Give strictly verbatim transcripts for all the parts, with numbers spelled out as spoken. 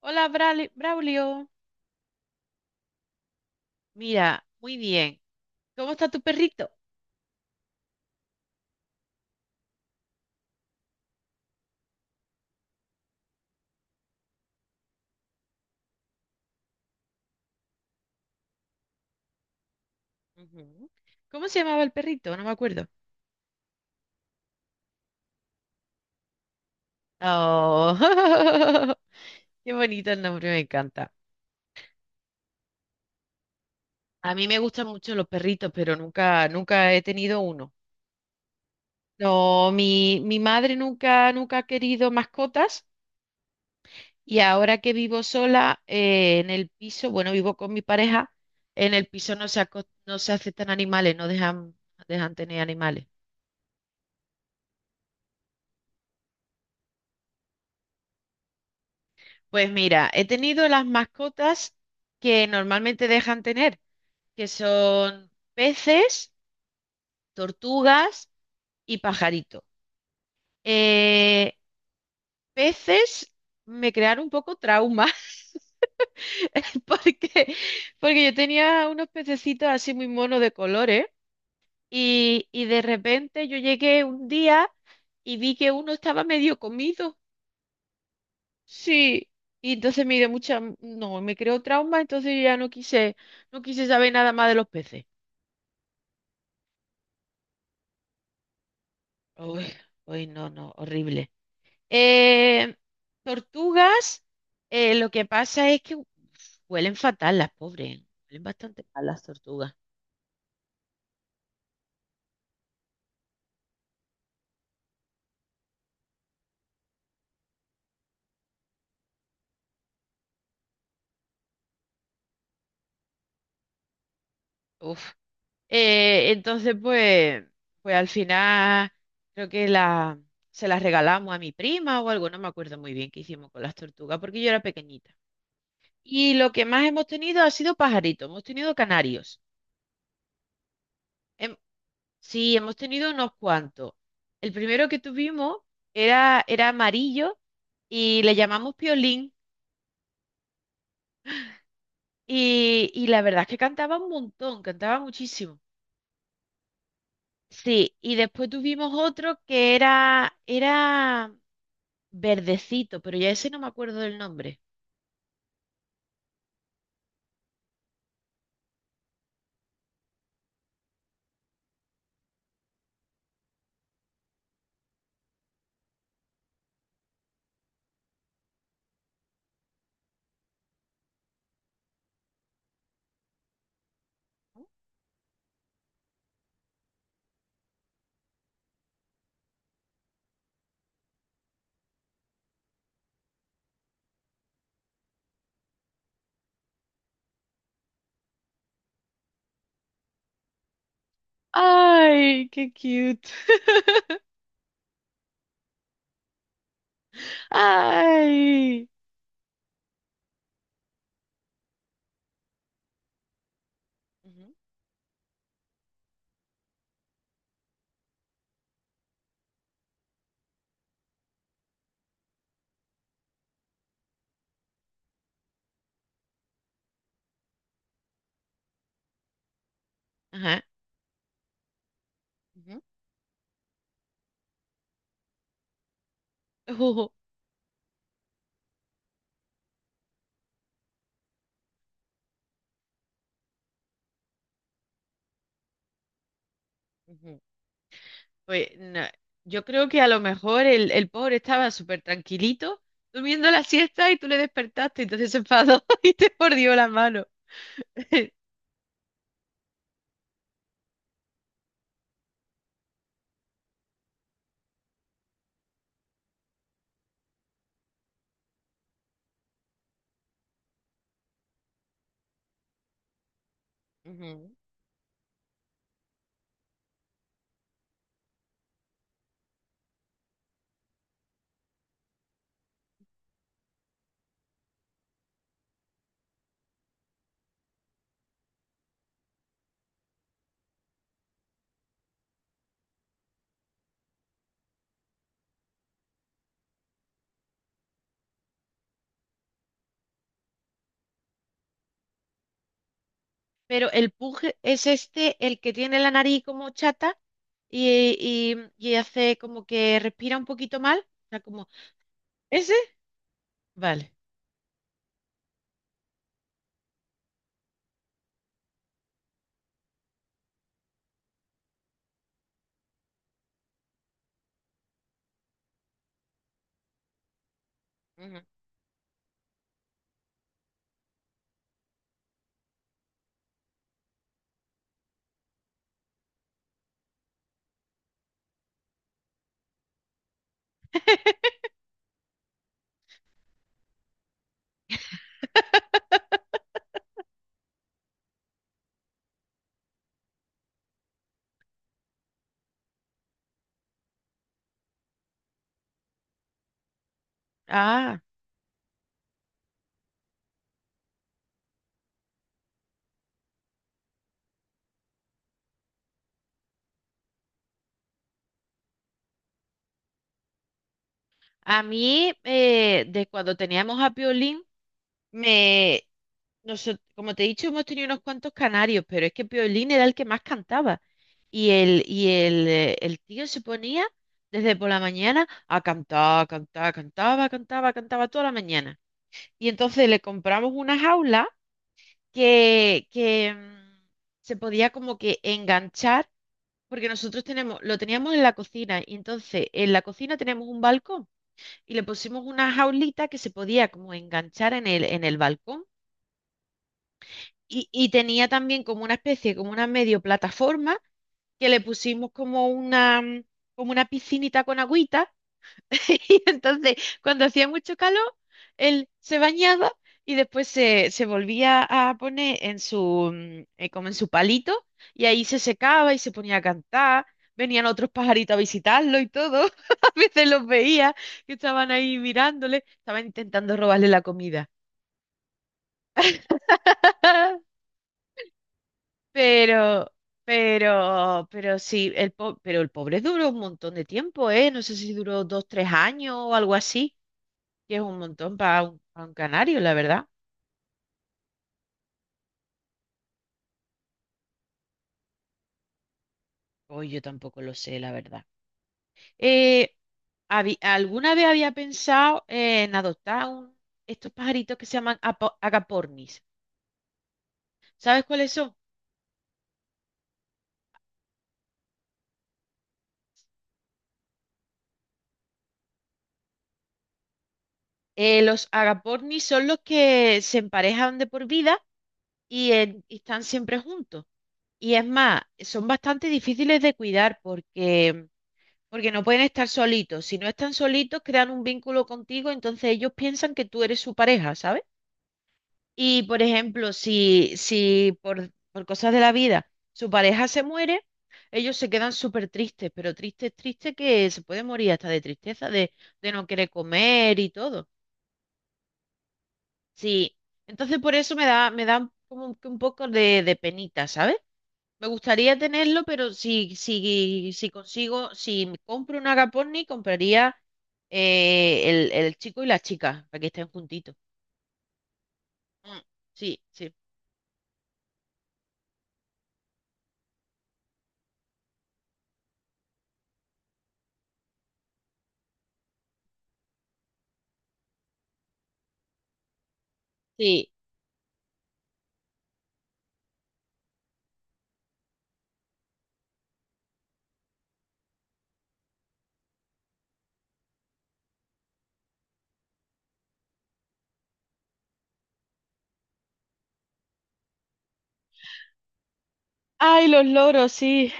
Hola, Brali- Braulio. Mira, muy bien. ¿Cómo está tu perrito? Ujú. ¿Cómo se llamaba el perrito? No me acuerdo. Oh, qué bonito el nombre, me encanta. A mí me gustan mucho los perritos, pero nunca, nunca he tenido uno. No, mi, mi madre nunca, nunca ha querido mascotas, y ahora que vivo sola eh, en el piso, bueno, vivo con mi pareja, en el piso no se, aco- no se aceptan animales, no dejan, dejan tener animales. Pues mira, he tenido las mascotas que normalmente dejan tener, que son peces, tortugas y pajaritos. Eh, Peces me crearon un poco trauma. Porque, Porque yo tenía unos pececitos así muy monos de colores y, y de repente yo llegué un día y vi que uno estaba medio comido. Sí, y entonces me dio mucha, no, me creó trauma, entonces yo ya no quise, no quise saber nada más de los peces. Uy, uy, no, no, horrible. Eh, Tortugas, eh, lo que pasa es que uf, huelen fatal las pobres, huelen bastante mal las tortugas. Uf. Eh, entonces, pues, pues al final creo que la, se las regalamos a mi prima o algo, no me acuerdo muy bien qué hicimos con las tortugas, porque yo era pequeñita. Y lo que más hemos tenido ha sido pajaritos, hemos tenido canarios. Hem- sí, hemos tenido unos cuantos. El primero que tuvimos era, era amarillo y le llamamos Piolín. Y, y la verdad es que cantaba un montón, cantaba muchísimo. Sí, y después tuvimos otro que era, era verdecito, pero ya ese no me acuerdo del nombre. Ay, qué cute. Ay. Ujú. Ajá, ujú. Ujú, ujú. Pues no, yo creo que a lo mejor el, el pobre estaba súper tranquilito durmiendo la siesta y tú le despertaste, entonces se enfadó y te mordió la mano. Ujú. Pero el pug es este, el que tiene la nariz como chata y, y- y hace como que respira un poquito mal. O sea, como, ¿ese? Vale. Ujú. Ah. A mí, eh, de cuando teníamos a Piolín, me, noso- como te he dicho, hemos tenido unos cuantos canarios, pero es que Piolín era el que más cantaba. Y el, y el, eh, el tío se ponía desde por la mañana a cantar, cantar, cantaba, cantaba, cantaba toda la mañana. Y entonces le compramos una jaula que, que mm, se podía como que enganchar, porque nosotros tenemos, lo teníamos en la cocina, y entonces en la cocina tenemos un balcón y le pusimos una jaulita que se podía como enganchar en el, en el balcón, y, y tenía también como una especie, como una medio plataforma que le pusimos como una, mm, como una piscinita con agüita. Y entonces, cuando hacía mucho calor, él se bañaba y después se, se volvía a poner en su, mm, eh, como en su palito, y ahí se secaba y se ponía a cantar. Venían otros pajaritos a visitarlo y todo. A veces los veía que estaban ahí mirándole, estaban intentando robarle la comida. Pero, pero, pero sí, el po- pero el pobre duró un montón de tiempo, ¿eh? No sé si duró dos, tres años o algo así, que es un montón para un, pa un canario, la verdad. Hoy yo tampoco lo sé, la verdad. Eh, habí- ¿Alguna vez había pensado en adoptar un- estos pajaritos que se llaman apo- agapornis? ¿Sabes cuáles son? Eh, los agapornis son los que se emparejan de por vida y, en- y están siempre juntos. Y es más, son bastante difíciles de cuidar porque, porque no pueden estar solitos. Si no están solitos, crean un vínculo contigo, entonces ellos piensan que tú eres su pareja, ¿sabes? Y, por ejemplo, si, si por, por cosas de la vida su pareja se muere, ellos se quedan súper tristes, pero tristes, tristes, que se puede morir hasta de tristeza, de, de no querer comer y todo. Sí, entonces por eso me da, me da como que un poco de, de penita, ¿sabes? Me gustaría tenerlo, pero si, si, si consigo, si me compro un Agaponni, compraría eh, el, el chico y la chica, para que estén juntitos. Mm, sí, sí, sí. Ay, los loros, sí.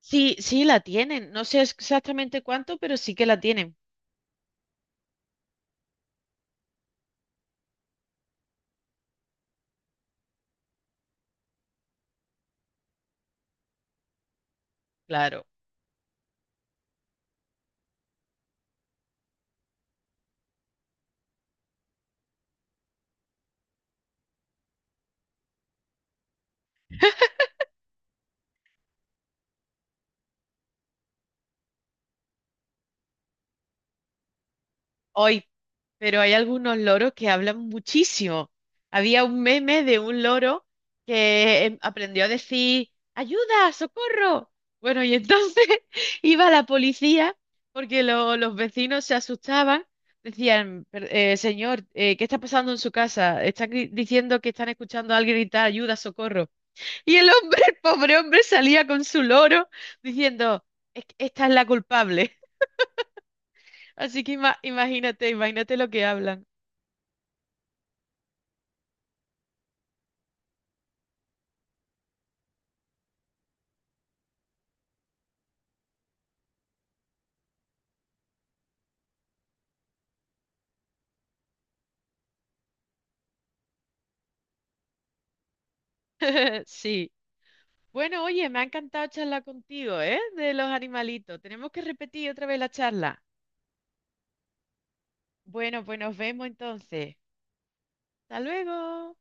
Sí, sí la tienen. No sé exactamente cuánto, pero sí que la tienen. Claro, hoy. Pero hay algunos loros que hablan muchísimo. Había un meme de un loro que em, aprendió a decir, ¡ayuda, socorro! Bueno, y entonces iba la policía porque lo- los vecinos se asustaban. Decían, "Per- eh, señor, eh, ¿qué está pasando en su casa? Están gri- diciendo que están escuchando a alguien gritar, ayuda, socorro". Y el hombre, el pobre hombre, salía con su loro diciendo, "Es que esta es la culpable". Así que ima- imagínate, imagínate lo que hablan. Sí. Bueno, oye, me ha encantado charlar contigo, ¿eh? De los animalitos. Tenemos que repetir otra vez la charla. Bueno, pues nos vemos entonces. Hasta luego.